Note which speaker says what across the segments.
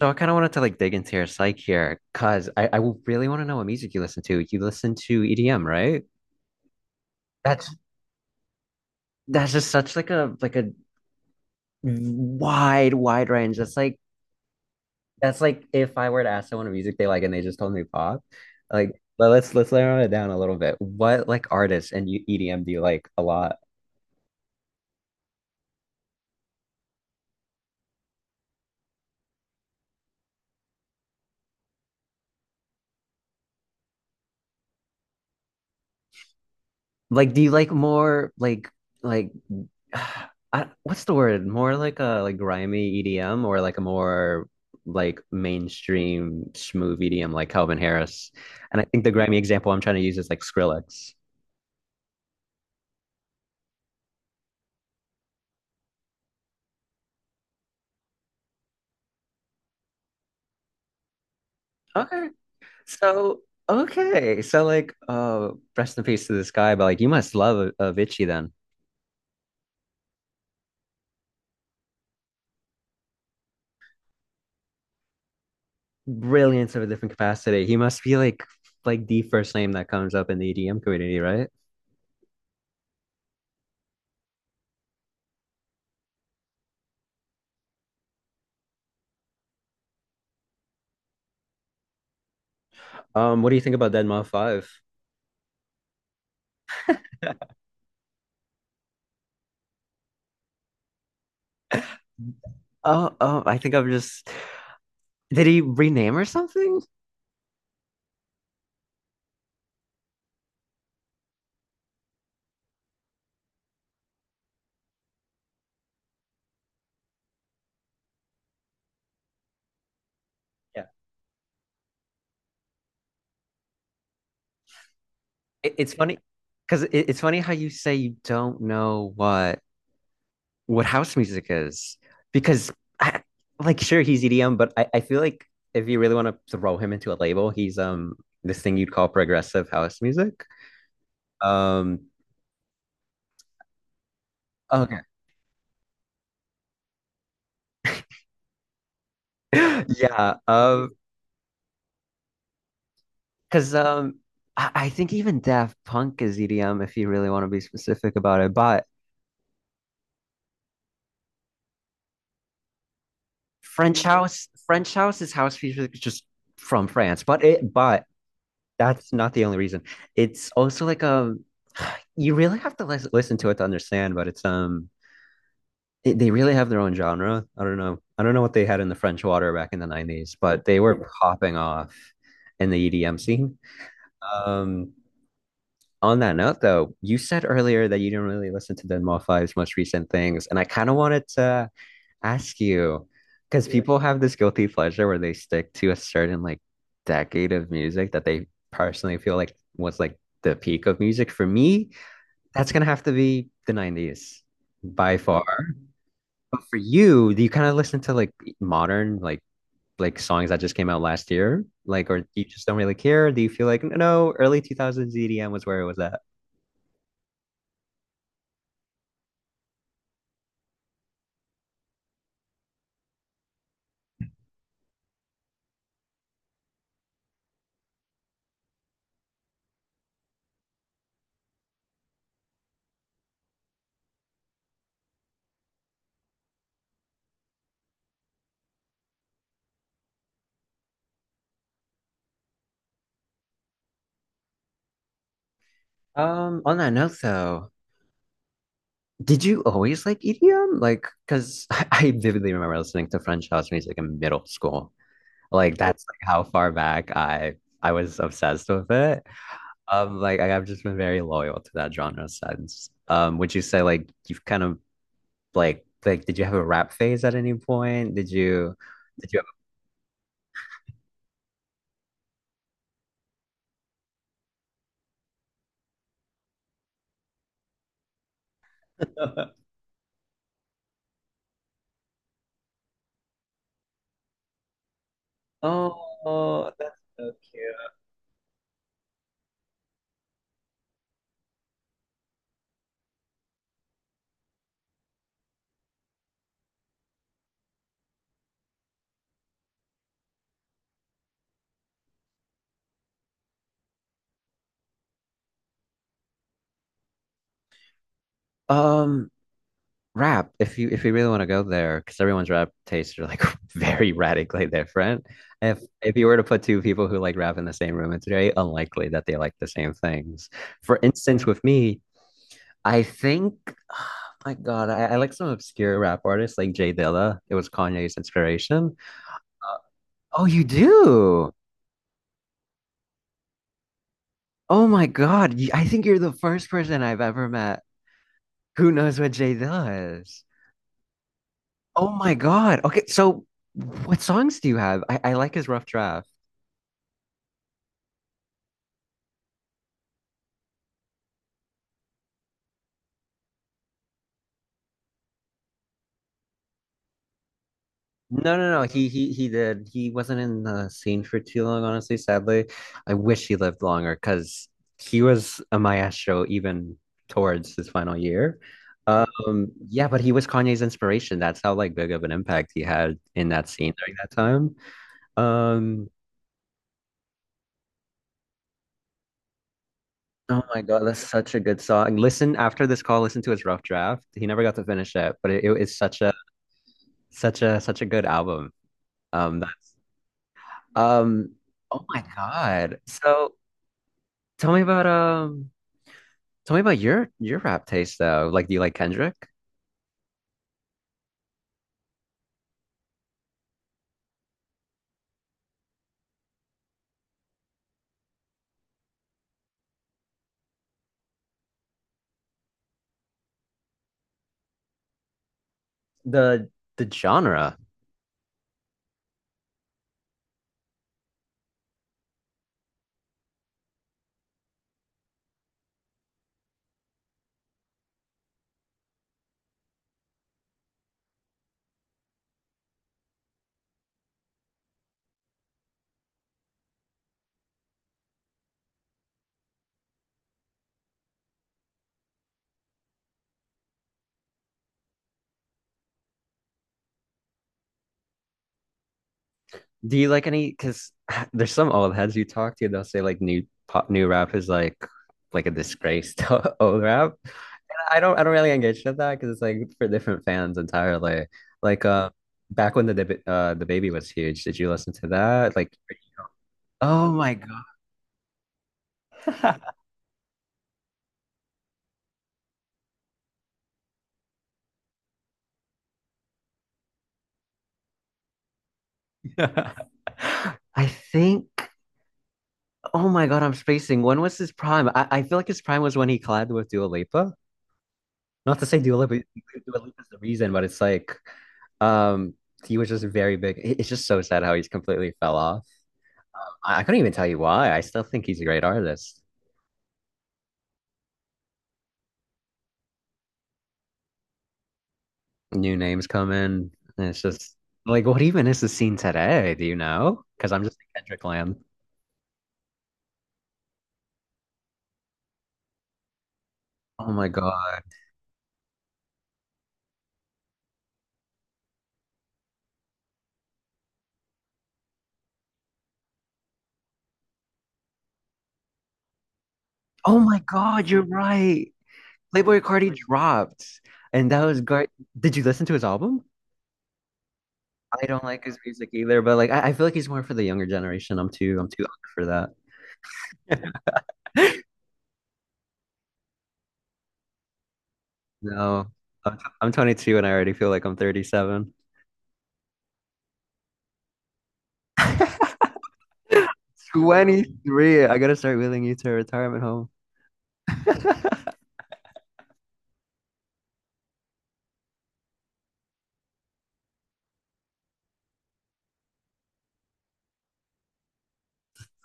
Speaker 1: So I kind of wanted to like dig into your psyche here, cause I really want to know what music you listen to. You listen to EDM, right? That's that's just such like a wide range. That's like if I were to ask someone what music they like and they just told me pop, like but let's narrow it down a little bit. What like artists and you EDM do you like a lot? Like do you like more like what's the word? More like a like grimy EDM or like a more like mainstream smooth EDM like Calvin Harris. And I think the grimy example I'm trying to use is like Skrillex. Okay. So okay. So like rest in peace to this guy, but like you must love Avicii then. Brilliance of a different capacity. He must be like the first name that comes up in the EDM community, right? What do you think about Dead 5? Oh, oh, I think I'm just did he rename or something? Yeah. It's funny because it's funny how you say you don't know what house music is because I, like sure he's EDM, but I feel like if you really want to throw him into a label, he's this thing you'd call progressive house music. Um, okay. Yeah. Um, because um, I think even Daft Punk is EDM if you really want to be specific about it. But French house, French house is house music just from France, but it but that's not the only reason. It's also like you really have to listen to it to understand, but it's they really have their own genre. I don't know. I don't know what they had in the French water back in the 90s, but they were popping off in the EDM scene. Um, on that note, though, you said earlier that you didn't really listen to Den Five's most recent things, and I kind of wanted to ask you because yeah, people have this guilty pleasure where they stick to a certain like decade of music that they personally feel like was like the peak of music. For me, that's gonna have to be the 90s by far. Mm. But for you, do you kind of listen to like modern like songs that just came out last year? Like or you just don't really care? Do you feel like no, early 2000s EDM was where it was at? On that note though, did you always like EDM? Like, because I vividly remember listening to French house music in middle school. Like, oh, that's like how far back I was obsessed with it. Like I've just been very loyal to that genre since. Would you say like you've kind of like did you have a rap phase at any point? Did you have oh, that's so cute. Um, rap if you really want to go there because everyone's rap tastes are like very radically different if you were to put two people who like rap in the same room it's very unlikely that they like the same things for instance with me I think oh my God, I like some obscure rap artists like Jay Dilla. It was Kanye's inspiration. Oh, you do. Oh my God, you- I think you're the first person I've ever met who knows what Jay Dilla is. Oh my God, okay. So what songs do you have? I like his rough draft. No, no, no. He did. He wasn't in the scene for too long, honestly, sadly. I wish he lived longer because he was a maestro even towards his final year. Yeah, but he was Kanye's inspiration. That's how like big of an impact he had in that scene during that time. Um, oh my God, that's such a good song. Listen, after this call, listen to his rough draft. He never got to finish it, but it is such a such a such a good album. That, um, oh my God. So tell me about um, tell me about your rap taste though. Like do you like Kendrick? The the genre. Do you like any because there's some old heads you talk to, they'll say like new pop new rap is like a disgrace to old rap. I don't really engage with that because it's like for different fans entirely. Like back when the the baby was huge, did you listen to that? Like oh my God. I think oh my God, I'm spacing. When was his prime? I feel like his prime was when he collabed with Dua Lipa. Not to say Dua Lipa, Dua Lipa's the reason, but it's like, um, he was just very big. It- It's just so sad how he's completely fell off. I couldn't even tell you why. I still think he's a great artist. New names come in, and it's just like, what even is the scene today? Do you know? Because I'm just in Kendrick land. Oh my God. Oh my God, you're right. Playboy Carti dropped, and that was great. Did you listen to his album? I don't like his music either, but like I feel like he's more for the younger generation. I'm too old for that. No, I'm 22 and I already feel like I'm 37. 23. I gotta start wheeling you to a retirement home.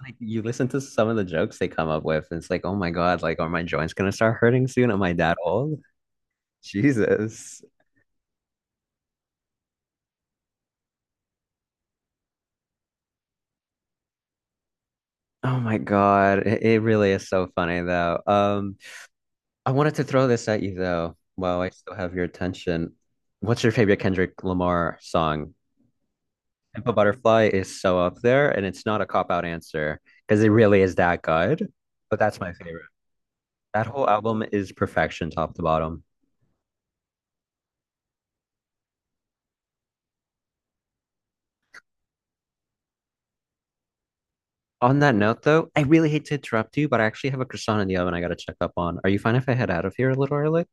Speaker 1: Like you listen to some of the jokes they come up with, and it's like, oh my God, like are my joints gonna start hurting soon? Am I that old? Jesus. Oh my God. It really is so funny though. I wanted to throw this at you though, while I still have your attention. What's your favorite Kendrick Lamar song? Pimp a Butterfly is so up there, and it's not a cop out answer because it really is that good. But that's my favorite. That whole album is perfection, top to bottom. On that note, though, I really hate to interrupt you, but I actually have a croissant in the oven I gotta check up on. Are you fine if I head out of here a little early?